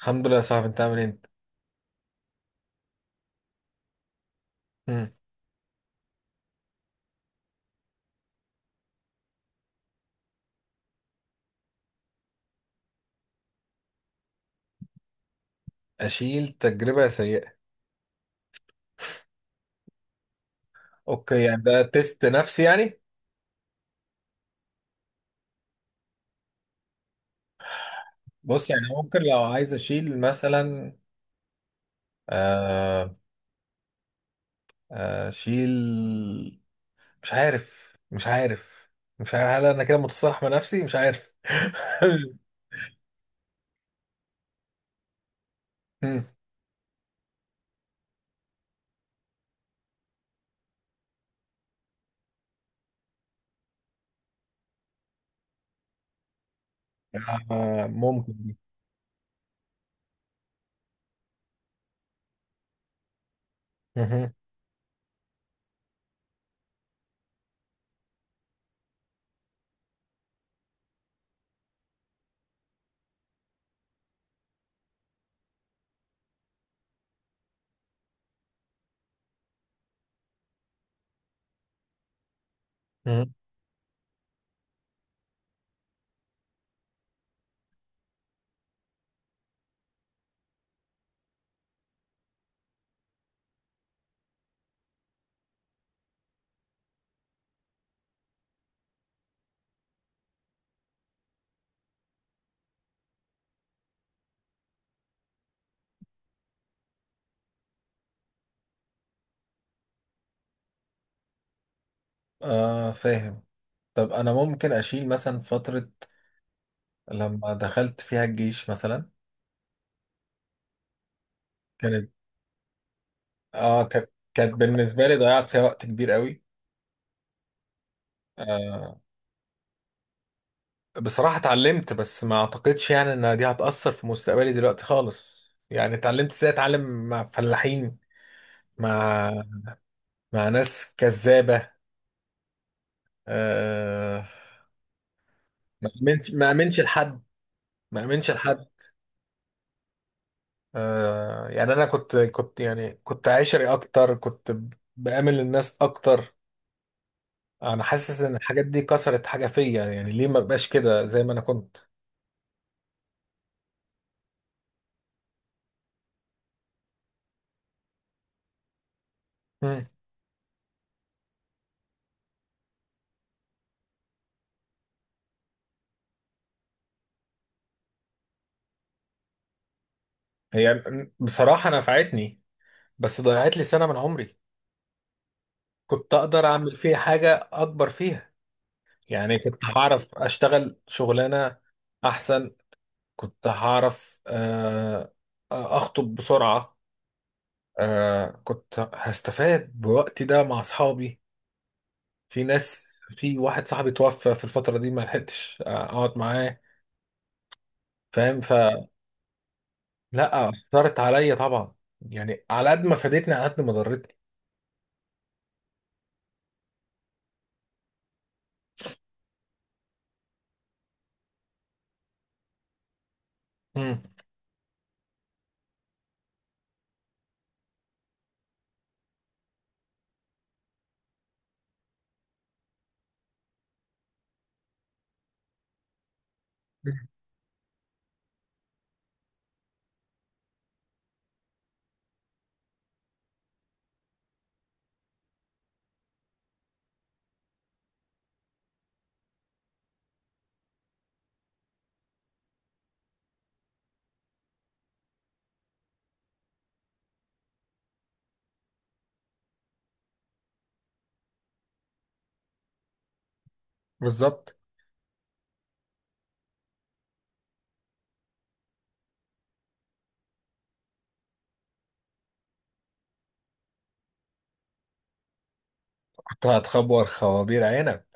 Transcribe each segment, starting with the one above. الحمد لله يا صاحبي، انت عامل ايه انت؟ مم. اشيل تجربه سيئه؟ اوكي يعني ده تيست نفسي يعني. بص يعني ممكن لو عايز اشيل مثلا. آه، آه، اشيل. مش عارف مش عارف مش عارف هل انا كده متصالح مع نفسي مش عارف مم. آه، ممكن. مهم. مهم. آه، فاهم. طب انا ممكن اشيل مثلا فتره لما دخلت فيها الجيش مثلا. كانت اه كانت كانت بالنسبه لي ضيعت فيها وقت كبير قوي. آه، بصراحة اتعلمت بس ما اعتقدش يعني ان دي هتأثر في مستقبلي دلوقتي خالص. يعني اتعلمت ازاي اتعلم مع فلاحين، مع مع ناس كذابة. آه، ما امنش ما امنش لحد، ما امنش لحد. آه، يعني انا كنت يعني كنت عشري اكتر، كنت بآمن الناس اكتر. انا حاسس ان الحاجات دي كسرت حاجة فيا، يعني ليه ما بقاش كده زي ما انا كنت. مم. هي بصراحة نفعتني بس ضيعت لي سنة من عمري. كنت اقدر اعمل فيها حاجة اكبر فيها، يعني كنت هعرف اشتغل شغلانة احسن. كنت هعرف اخطب بسرعة. آه، كنت هستفاد بوقتي ده مع اصحابي. في ناس، في واحد صاحبي توفى في الفترة دي ما لحقتش اقعد معاه. فاهم فلا. اثرت عليا طبعا، يعني على قد ما فادتني على قد ما ضرتني. مم. بالظبط. كنت هتخبر خوابير عينك.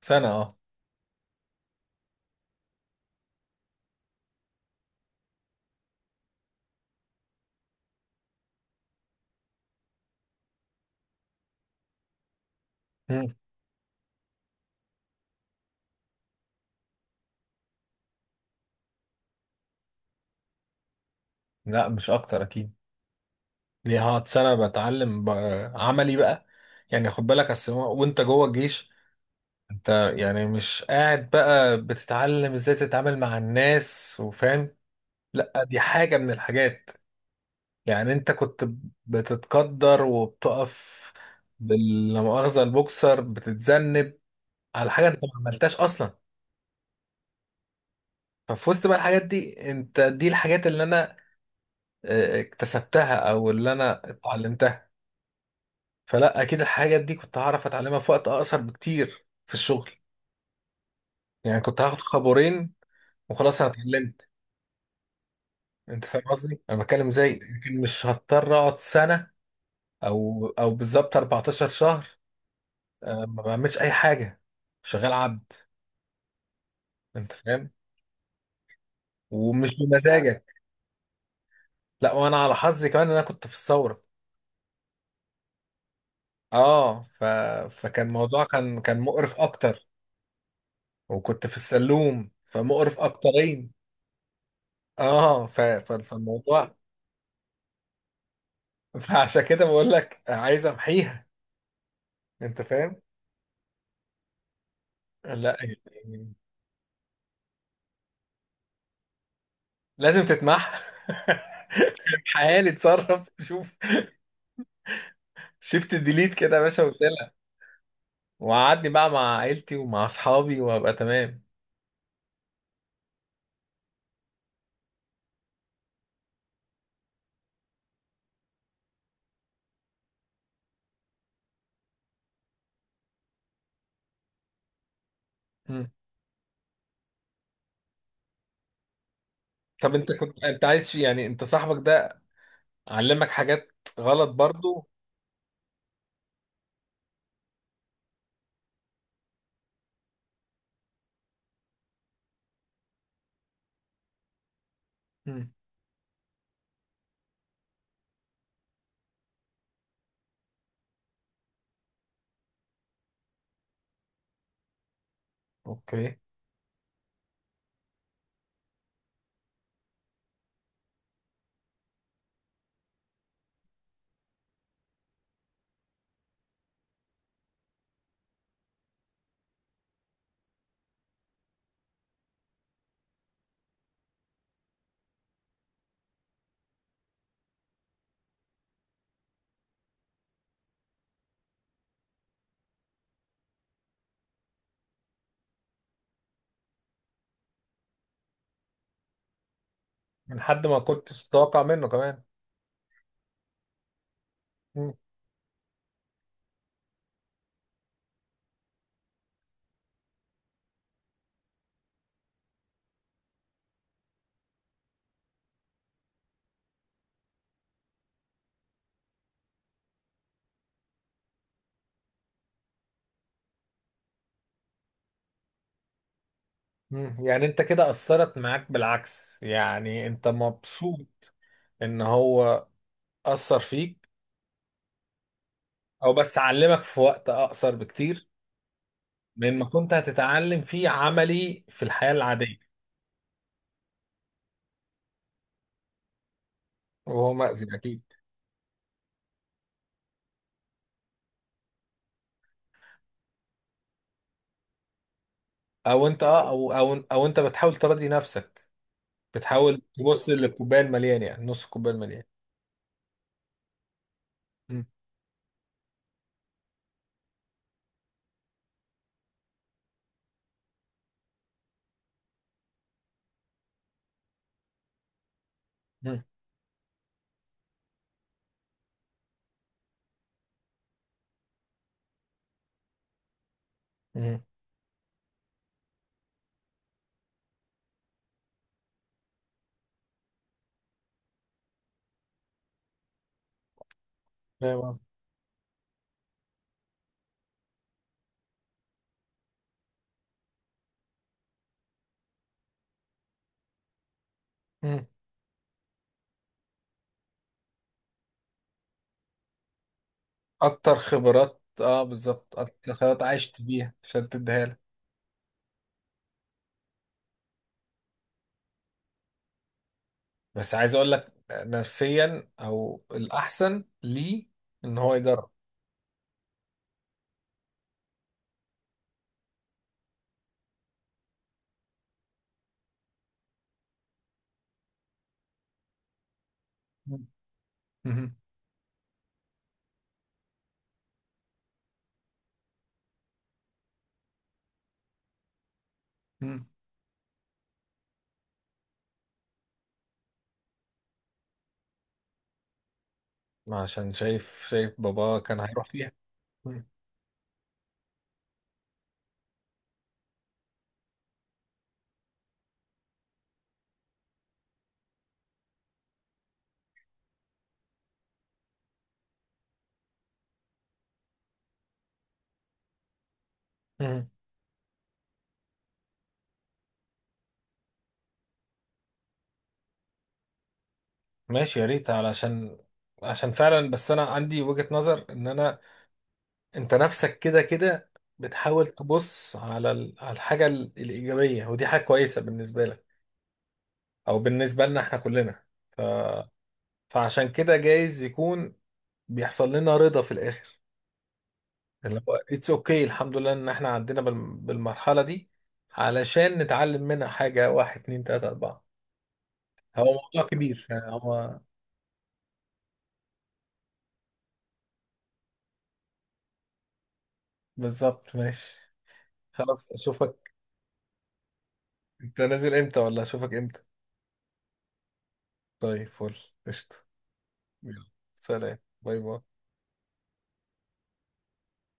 سنة اه. مم. لا مش اكتر اكيد. دي هقعد سنة بتعلم بقى عملي بقى. يعني خد بالك، اصل وانت جوه الجيش انت، يعني مش قاعد بقى بتتعلم ازاي تتعامل مع الناس وفاهم. لا دي حاجة من الحاجات. يعني انت كنت بتتقدر وبتقف لا مؤاخذة البوكسر بتتذنب على حاجة انت ما عملتهاش اصلا. ففي وسط بقى الحاجات دي، انت دي الحاجات اللي انا اكتسبتها او اللي انا اتعلمتها. فلا اكيد الحاجات دي كنت هعرف اتعلمها في وقت اقصر بكتير في الشغل. يعني كنت هاخد خبرين وخلاص انا اتعلمت. انت فاهم قصدي، انا بتكلم زي لكن مش هضطر اقعد سنه، او بالظبط 14 شهر. آه، ما بعملش اي حاجه، شغال عبد. انت فاهم؟ ومش بمزاجك. لا، وانا على حظي كمان ان انا كنت في الثوره. اه ف... فكان الموضوع كان مقرف اكتر. وكنت في السلوم فمقرف اكترين. فالموضوع، فعشان كده بقول لك عايز امحيها. انت فاهم؟ لا يعني لازم تتمحى. حالي اتصرف شوف. شيفت ديليت كده يا باشا وشيلها، وقعدني بقى مع عيلتي ومع اصحابي وابقى تمام. مم. طب انت عايز يعني انت صاحبك ده علمك حاجات غلط برضو؟ مم. اوكي. من حد ما كنتش تتوقع منه كمان. مم. مم. يعني انت كده اثرت معاك بالعكس، يعني انت مبسوط ان هو اثر فيك؟ او بس اعلمك في وقت اقصر بكتير مما كنت هتتعلم فيه عملي في الحياة العادية. وهو مأذي أكيد. او انت اه او او او انت بتحاول تراضي نفسك، بتحاول تبص للكوبايه المليان، يعني نص الكوبايه المليان. مم. مم. مم. فاهم قصدي؟ مم. اكتر خبرات اه، بالظبط اكتر خبرات عشت بيها عشان تديها لك. بس عايز اقول لك نفسيا او الاحسن ليه ان هو يجرب. مم. مم. مم. عشان شايف شايف بابا كان هيروح فيها. مم. مم. ماشي يا ريت، عشان فعلا، بس انا عندي وجهة نظر ان انا انت نفسك كده كده بتحاول تبص على على الحاجة الإيجابية، ودي حاجة كويسة بالنسبة لك او بالنسبة لنا احنا كلنا. ف... فعشان كده جايز يكون بيحصل لنا رضا في الآخر، اللي هو اتس اوكي okay. الحمد لله ان احنا عدينا بالمرحلة دي علشان نتعلم منها حاجة، واحد، اتنين، تلاتة، أربعة. هو موضوع كبير، يعني هو. بالظبط، ماشي. خلاص اشوفك. انت نازل امتى ولا اشوفك امتى؟ طيب، فل قشطة. يلا. سلام، باي باي.